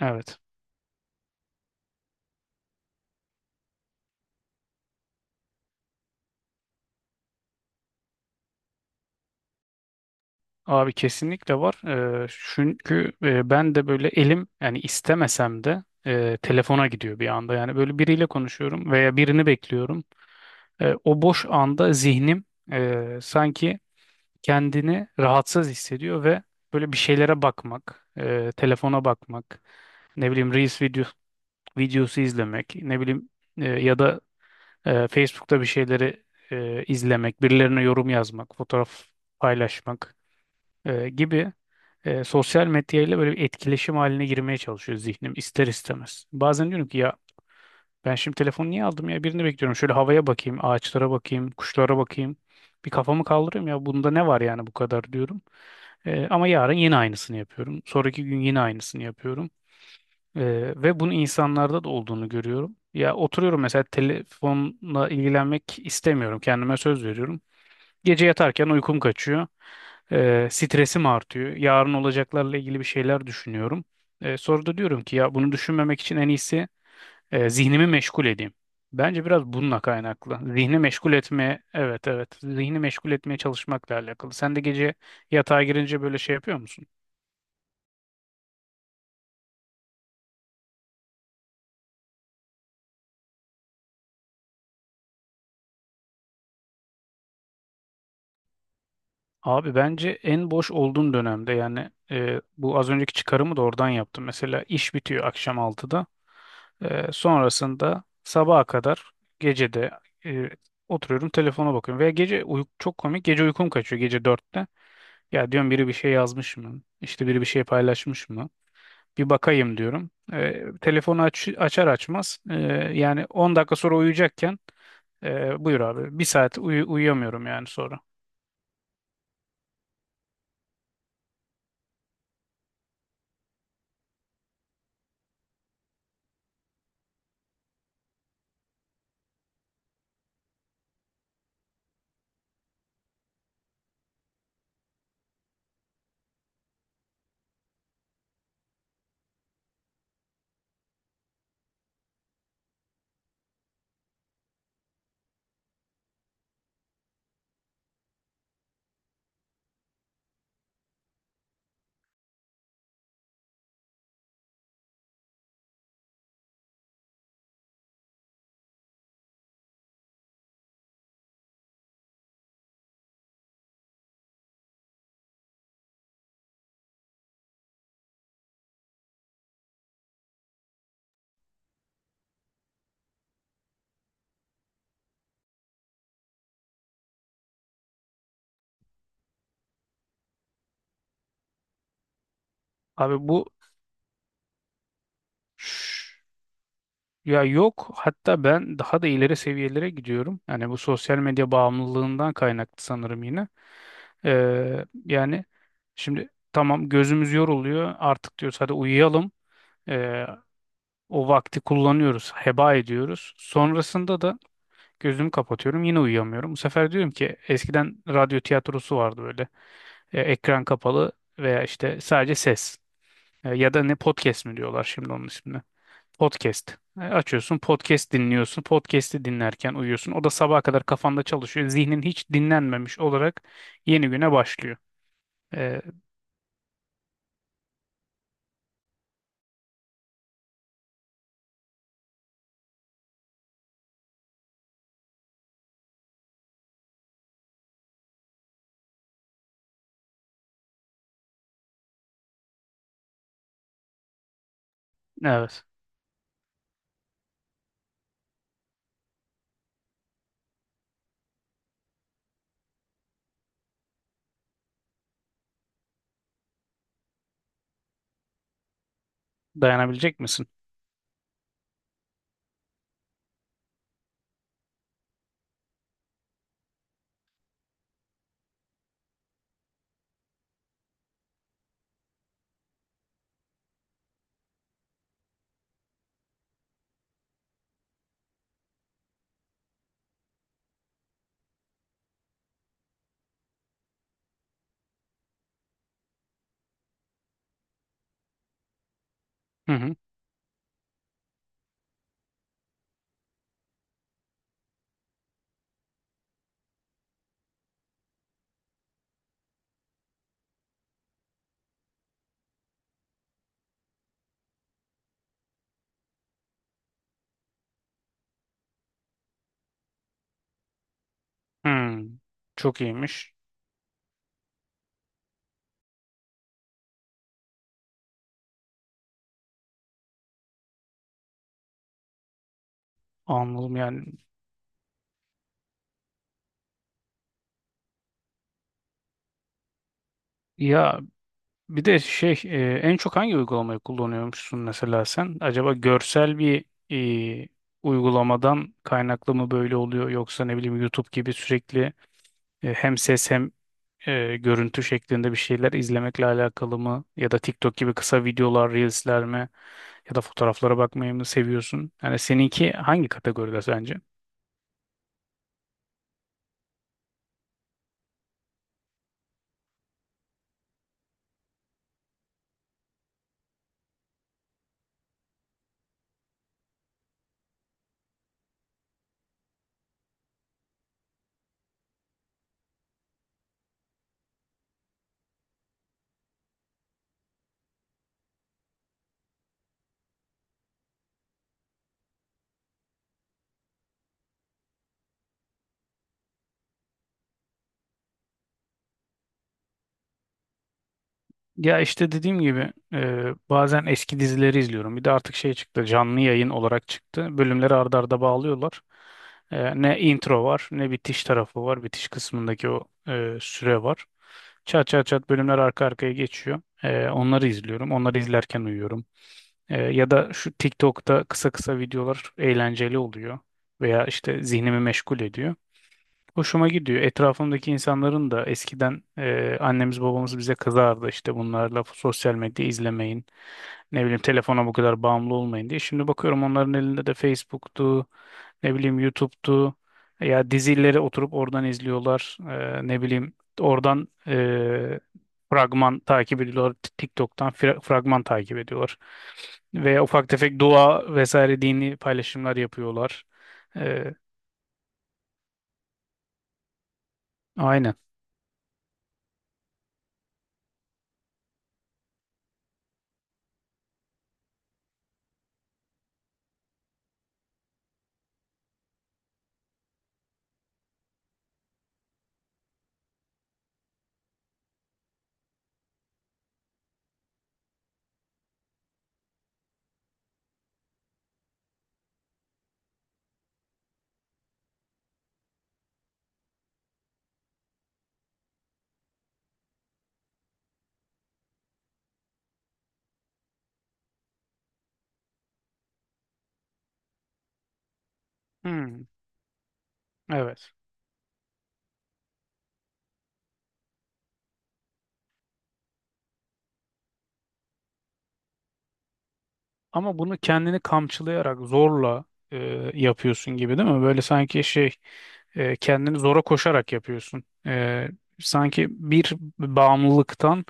Evet. Abi kesinlikle var. Ee, Çünkü ben de böyle elim yani istemesem de telefona gidiyor bir anda. Yani böyle biriyle konuşuyorum veya birini bekliyorum. O boş anda zihnim sanki kendini rahatsız hissediyor ve böyle bir şeylere bakmak, telefona bakmak, ne bileyim Reels video, videosu izlemek, ne bileyim ya da Facebook'ta bir şeyleri izlemek, birilerine yorum yazmak, fotoğraf paylaşmak. Gibi sosyal medyayla böyle bir etkileşim haline girmeye çalışıyor zihnim ister istemez. Bazen diyorum ki ya ben şimdi telefonu niye aldım ya birini bekliyorum. Şöyle havaya bakayım, ağaçlara bakayım, kuşlara bakayım. Bir kafamı kaldırayım ya bunda ne var yani bu kadar diyorum. Ama yarın yine aynısını yapıyorum. Sonraki gün yine aynısını yapıyorum. E, Ve bunu insanlarda da olduğunu görüyorum. Ya oturuyorum mesela telefonla ilgilenmek istemiyorum. Kendime söz veriyorum. Gece yatarken uykum kaçıyor. Stresim artıyor. Yarın olacaklarla ilgili bir şeyler düşünüyorum. Sonra da diyorum ki ya bunu düşünmemek için en iyisi zihnimi meşgul edeyim. Bence biraz bununla kaynaklı. Zihni meşgul etmeye, evet evet, zihni meşgul etmeye çalışmakla alakalı. Sen de gece yatağa girince böyle şey yapıyor musun? Abi bence en boş olduğum dönemde yani bu az önceki çıkarımı da oradan yaptım. Mesela iş bitiyor akşam 6'da. Sonrasında sabaha kadar gecede e, oturuyorum telefona bakıyorum. Veya gece çok komik gece uykum kaçıyor gece 4'te. Ya diyorum biri bir şey yazmış mı? İşte biri bir şey paylaşmış mı? Bir bakayım diyorum. Telefonu aç, açar açmaz yani 10 dakika sonra uyuyacakken buyur abi bir saat uyuyamıyorum yani sonra. Abi bu şş, ya yok hatta ben daha da ileri seviyelere gidiyorum. Yani bu sosyal medya bağımlılığından kaynaklı sanırım yine. Yani şimdi tamam gözümüz yoruluyor artık diyoruz hadi uyuyalım. Ee, O vakti kullanıyoruz, heba ediyoruz. Sonrasında da gözümü kapatıyorum yine uyuyamıyorum. Bu sefer diyorum ki eskiden radyo tiyatrosu vardı böyle. Ekran kapalı veya işte sadece ses. Ya da ne podcast mi diyorlar şimdi onun ismini. Podcast. Açıyorsun podcast dinliyorsun. Podcast'i dinlerken uyuyorsun. O da sabaha kadar kafanda çalışıyor. Zihnin hiç dinlenmemiş olarak yeni güne başlıyor. Ee, evet. Dayanabilecek misin? Hı hı. Hmm. Çok iyiymiş. Anladım yani. Ya bir de şey en çok hangi uygulamayı kullanıyormuşsun mesela sen? Acaba görsel bir e, uygulamadan kaynaklı mı böyle oluyor yoksa ne bileyim YouTube gibi sürekli hem ses hem görüntü şeklinde bir şeyler izlemekle alakalı mı? Ya da TikTok gibi kısa videolar, reelsler mi? Ya da fotoğraflara bakmayı mı seviyorsun? Yani seninki hangi kategoride sence? Ya işte dediğim gibi bazen eski dizileri izliyorum. Bir de artık şey çıktı canlı yayın olarak çıktı. Bölümleri arda arda bağlıyorlar. Ne intro var ne bitiş tarafı var. Bitiş kısmındaki o süre var. Çat çat çat bölümler arka arkaya geçiyor. Onları izliyorum. Onları izlerken uyuyorum. Ya da şu TikTok'ta kısa kısa videolar eğlenceli oluyor. Veya işte zihnimi meşgul ediyor. Hoşuma gidiyor. Etrafımdaki insanların da eskiden annemiz babamız bize kızardı işte bunlarla sosyal medya izlemeyin. Ne bileyim telefona bu kadar bağımlı olmayın diye. Şimdi bakıyorum onların elinde de Facebook'tu, ne bileyim YouTube'tu. Ya dizileri oturup oradan izliyorlar. Ne bileyim oradan fragman takip ediyorlar. TikTok'tan fragman takip ediyorlar. Ve ufak tefek dua vesaire dini paylaşımlar yapıyorlar. E, aynen. Hmm, evet. Ama bunu kendini kamçılayarak zorla e, yapıyorsun gibi değil mi? Böyle sanki şey kendini zora koşarak yapıyorsun. Sanki bir bağımlılıktan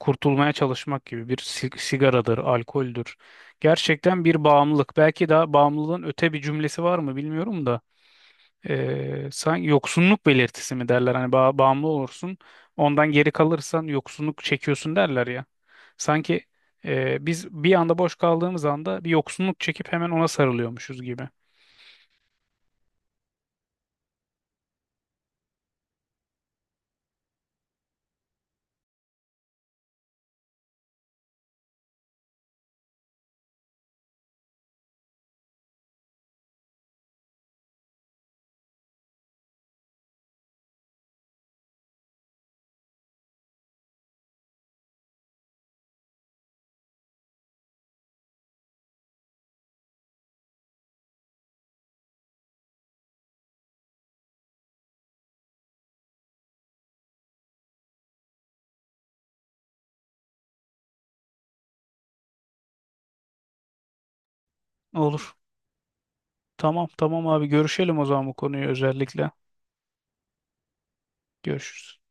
kurtulmaya çalışmak gibi bir sigaradır, alkoldür. Gerçekten bir bağımlılık. Belki daha bağımlılığın öte bir cümlesi var mı bilmiyorum da. Sanki yoksunluk belirtisi mi derler hani bağımlı olursun ondan geri kalırsan yoksunluk çekiyorsun derler ya sanki biz bir anda boş kaldığımız anda bir yoksunluk çekip hemen ona sarılıyormuşuz gibi. Olur. Tamam tamam abi görüşelim o zaman bu konuyu özellikle. Görüşürüz.